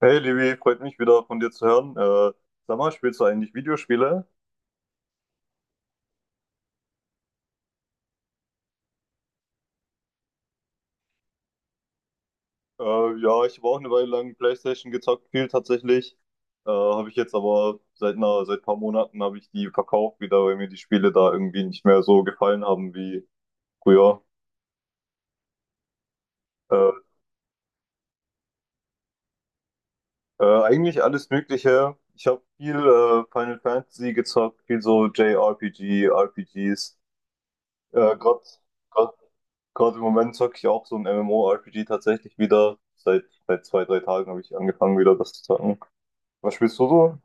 Hey Livi, freut mich wieder von dir zu hören. Sag mal, spielst du eigentlich Videospiele? Äh, ja, ich habe auch eine Weile lang PlayStation gezockt, viel tatsächlich. Habe ich jetzt aber seit ein paar Monaten habe ich die verkauft wieder, weil mir die Spiele da irgendwie nicht mehr so gefallen haben wie früher. Äh, Eigentlich alles Mögliche. Ich habe viel Final Fantasy gezockt, viel so JRPG, RPGs. Äh, gerade Gerade im Moment zocke ich auch so ein MMORPG tatsächlich wieder. Seit 2, 3 Tagen habe ich angefangen, wieder das zu zocken. Was spielst du so?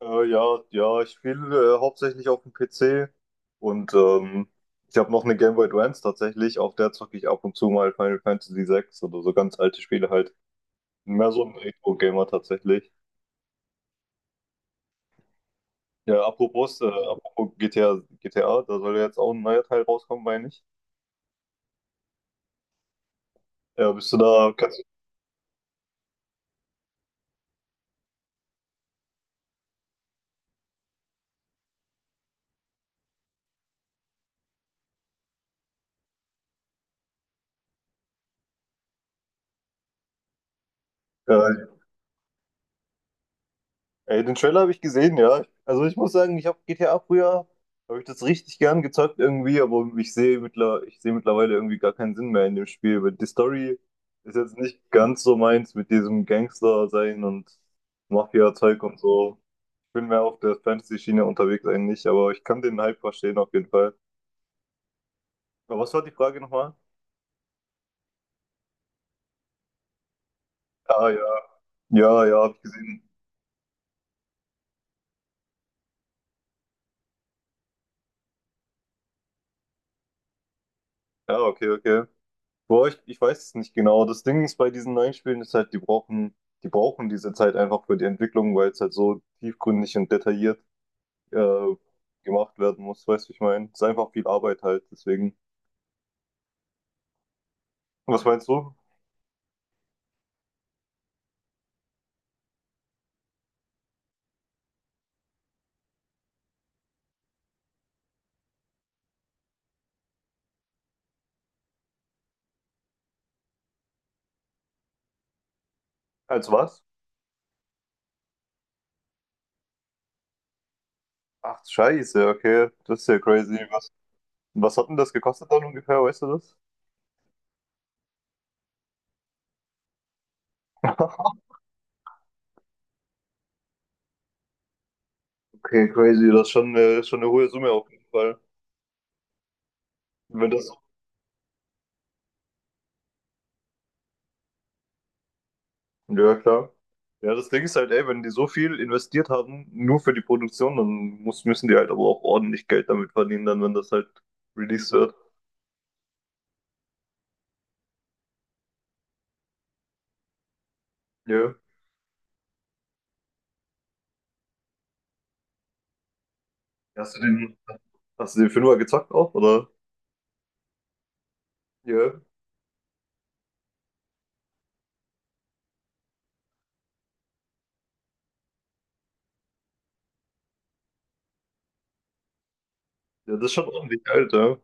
Ja, ja, ich spiele hauptsächlich auf dem PC und ich habe noch eine Game Boy Advance tatsächlich. Auf der zocke ich ab und zu mal Final Fantasy VI oder so ganz alte Spiele halt. Mehr so ein Retro-Gamer tatsächlich. Ja, apropos GTA, GTA, da soll ja jetzt auch ein neuer Teil rauskommen, meine ich. Bist du da, kannst, äh, ey, den Trailer habe ich gesehen, ja. Also ich muss sagen, ich habe GTA früher, habe ich das richtig gern gezockt irgendwie, aber ich sehe mittlerweile irgendwie gar keinen Sinn mehr in dem Spiel, weil die Story ist jetzt nicht ganz so meins mit diesem Gangster sein und Mafia-Zeug und so. Ich bin mehr auf der Fantasy-Schiene unterwegs eigentlich, aber ich kann den Hype verstehen auf jeden Fall. Aber was war die Frage nochmal? Ah ja, ja, ja, habe ich gesehen. Ja, okay, okay. Boah, ich weiß es nicht genau. Das Ding ist bei diesen neuen Spielen ist halt, die brauchen diese Zeit einfach für die Entwicklung, weil es halt so tiefgründig und detailliert äh, gemacht werden muss. Weißt du, ich meine, es ist einfach viel Arbeit halt. Deswegen. Was meinst du? Als was? Ach, scheiße, okay, das ist ja crazy. Was hat denn das gekostet dann ungefähr? Weißt du das? Okay, crazy, das ist schon eine hohe Summe auf jeden Fall. Wenn das. Ja, klar. Ja, das Ding ist halt, ey, wenn die so viel investiert haben, nur für die Produktion, dann müssen die halt aber auch ordentlich Geld damit verdienen, dann, wenn das halt released wird. Ja. Hast du den, hast du den Fünfer gezockt auch, oder? Ja. Ja, das ist schon ordentlich Geld, ja.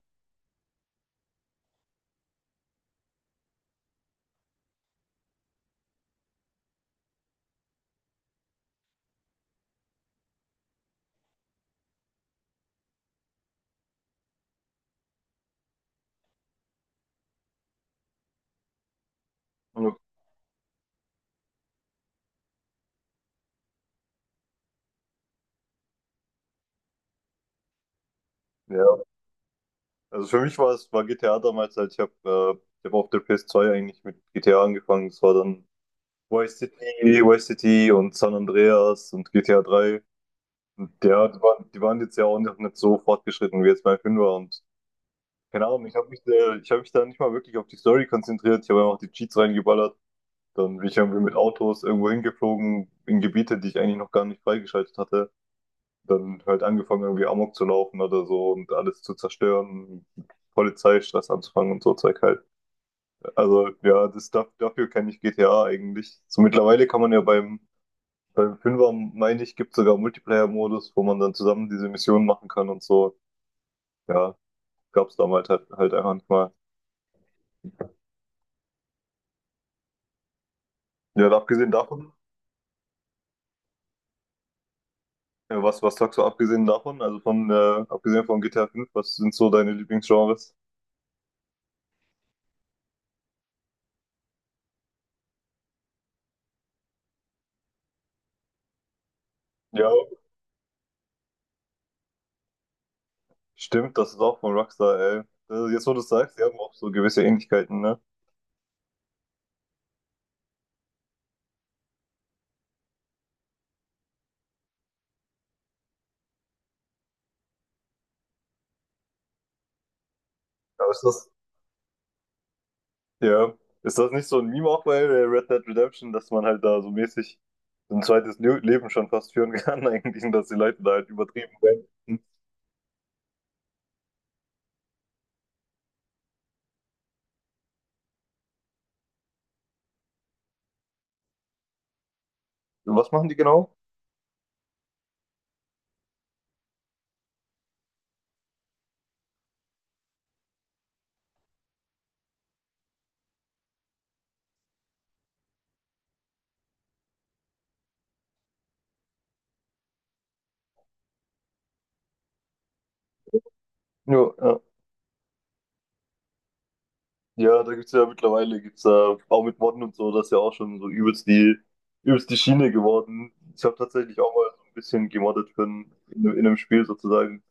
Ja. Also für mich war G T A damals halt, ich hab auf der PS2 eigentlich mit G T A angefangen. Es war dann Vice City, und San Andreas und GTA 3. Und ja, die waren jetzt ja auch noch nicht so fortgeschritten wie jetzt mein Fünfer und. Keine Ahnung, ich hab mich da nicht mal wirklich auf die Story konzentriert. Ich habe einfach die Cheats reingeballert. Dann bin ich irgendwie mit Autos irgendwo hingeflogen, in Gebiete, die ich eigentlich noch gar nicht freigeschaltet hatte. Dann halt angefangen, irgendwie Amok zu laufen oder so und alles zu zerstören, Polizeistress anzufangen und so Zeug halt. Also ja, dafür kenne ich GTA eigentlich. So mittlerweile kann man ja beim Fünfer, meine ich, gibt sogar Multiplayer-Modus, wo man dann zusammen diese Missionen machen kann und so. Ja, gab's damals halt einfach nicht mal. Ja, und abgesehen davon. Ja, Was sagst du abgesehen davon, also abgesehen von GTA 5, was sind so deine Lieblingsgenres? Ja, stimmt, das ist auch von Rockstar, ey. Das, jetzt, wo du es sagst, die haben auch so gewisse Ähnlichkeiten, ne? Aber ist das, ja, Ist das nicht so ein Meme auch bei Red Dead Redemption, dass man halt da so mäßig so ein zweites Le Leben schon fast führen kann, eigentlich, und dass die Leute da halt übertrieben werden? Hm. Was machen die genau? Ja, ja, da gibt's ja mittlerweile, gibt's ja auch mit Modden und so, das ist ja auch schon so übelst die Schiene geworden. Ich habe tatsächlich auch mal so ein bisschen gemoddet in einem Spiel sozusagen,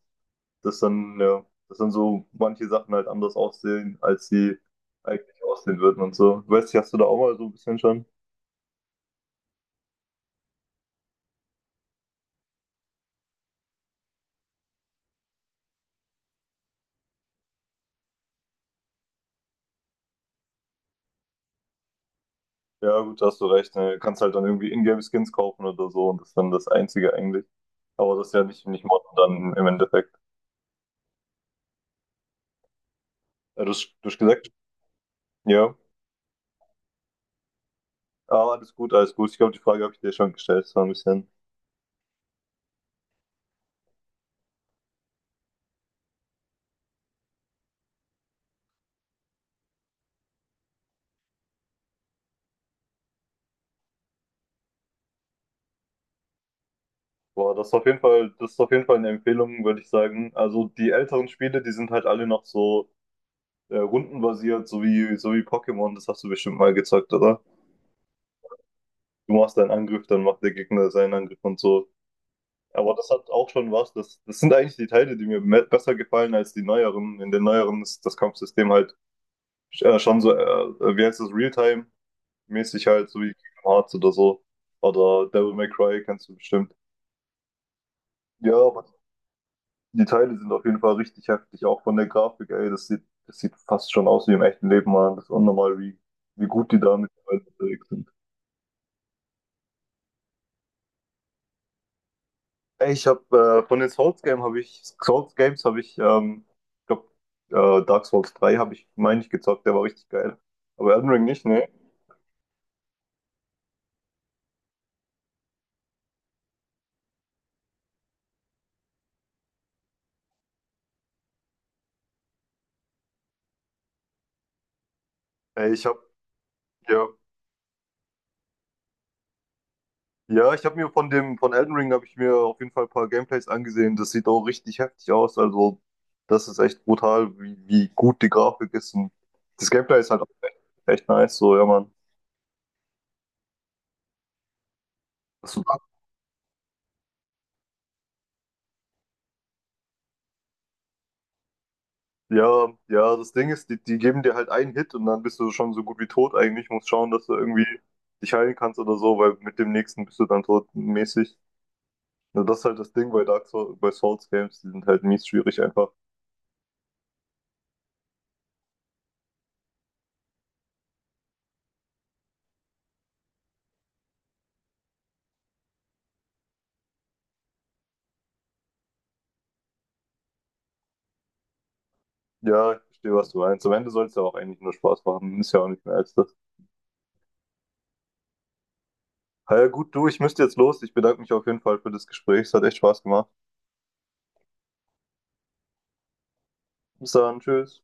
dass dann so manche Sachen halt anders aussehen, als sie eigentlich aussehen würden und so. Weißt du, hast du da auch mal so ein bisschen schon? Ja, gut, da hast du recht. Ne? Du kannst halt dann irgendwie Ingame-Skins kaufen oder so und das ist dann das Einzige eigentlich. Aber das ist ja nicht, nicht Modden dann im Endeffekt. Ja, Du hast gesagt, ja. Ja, alles gut, alles gut. Ich glaube, die Frage habe ich dir schon gestellt. So ein bisschen. Boah, das ist auf jeden Fall eine Empfehlung, würde ich sagen. Also die älteren Spiele, die sind halt alle noch so rundenbasiert, so wie Pokémon. Das hast du bestimmt mal gezockt, oder? Du machst deinen Angriff, dann macht der Gegner seinen Angriff und so. Aber das hat auch schon was. Das sind eigentlich die Teile, die mir besser gefallen als die neueren. In den neueren ist das Kampfsystem halt schon so, wie heißt das, Realtime-mäßig halt, so wie Kingdom Hearts oder so. Oder Devil May Cry kennst du bestimmt. Ja, aber die Teile sind auf jeden Fall richtig heftig, auch von der Grafik, ey. Das sieht fast schon aus wie im echten Leben, Mann. Das ist unnormal, wie gut die da mittlerweile unterwegs sind. Ey, ich habe von den Souls Games habe ich ich glaube, Dark Souls 3 habe ich, meine ich, gezockt, der war richtig geil. Aber Elden Ring nicht, ne? Ey, ich habe ja Ja, ich habe mir von Elden Ring habe ich mir auf jeden Fall ein paar Gameplays angesehen. Das sieht auch richtig heftig aus. Also, das ist echt brutal, wie gut die Grafik ist. Und das Gameplay ist halt auch echt, echt nice, so, ja, Mann. Das, ja, ja, das Ding ist, die geben dir halt einen Hit und dann bist du schon so gut wie tot eigentlich. Musst schauen, dass du irgendwie dich heilen kannst oder so, weil mit dem nächsten bist du dann tot mäßig. Ja, das ist halt das Ding bei Dark Souls, bei Souls Games, die sind halt mies schwierig einfach. Ja, ich verstehe, was du meinst. Am Ende soll es ja auch eigentlich nur Spaß machen. Ist ja auch nicht mehr als das. Ja, gut, du, ich müsste jetzt los. Ich bedanke mich auf jeden Fall für das Gespräch. Es hat echt Spaß gemacht. Bis dann, tschüss.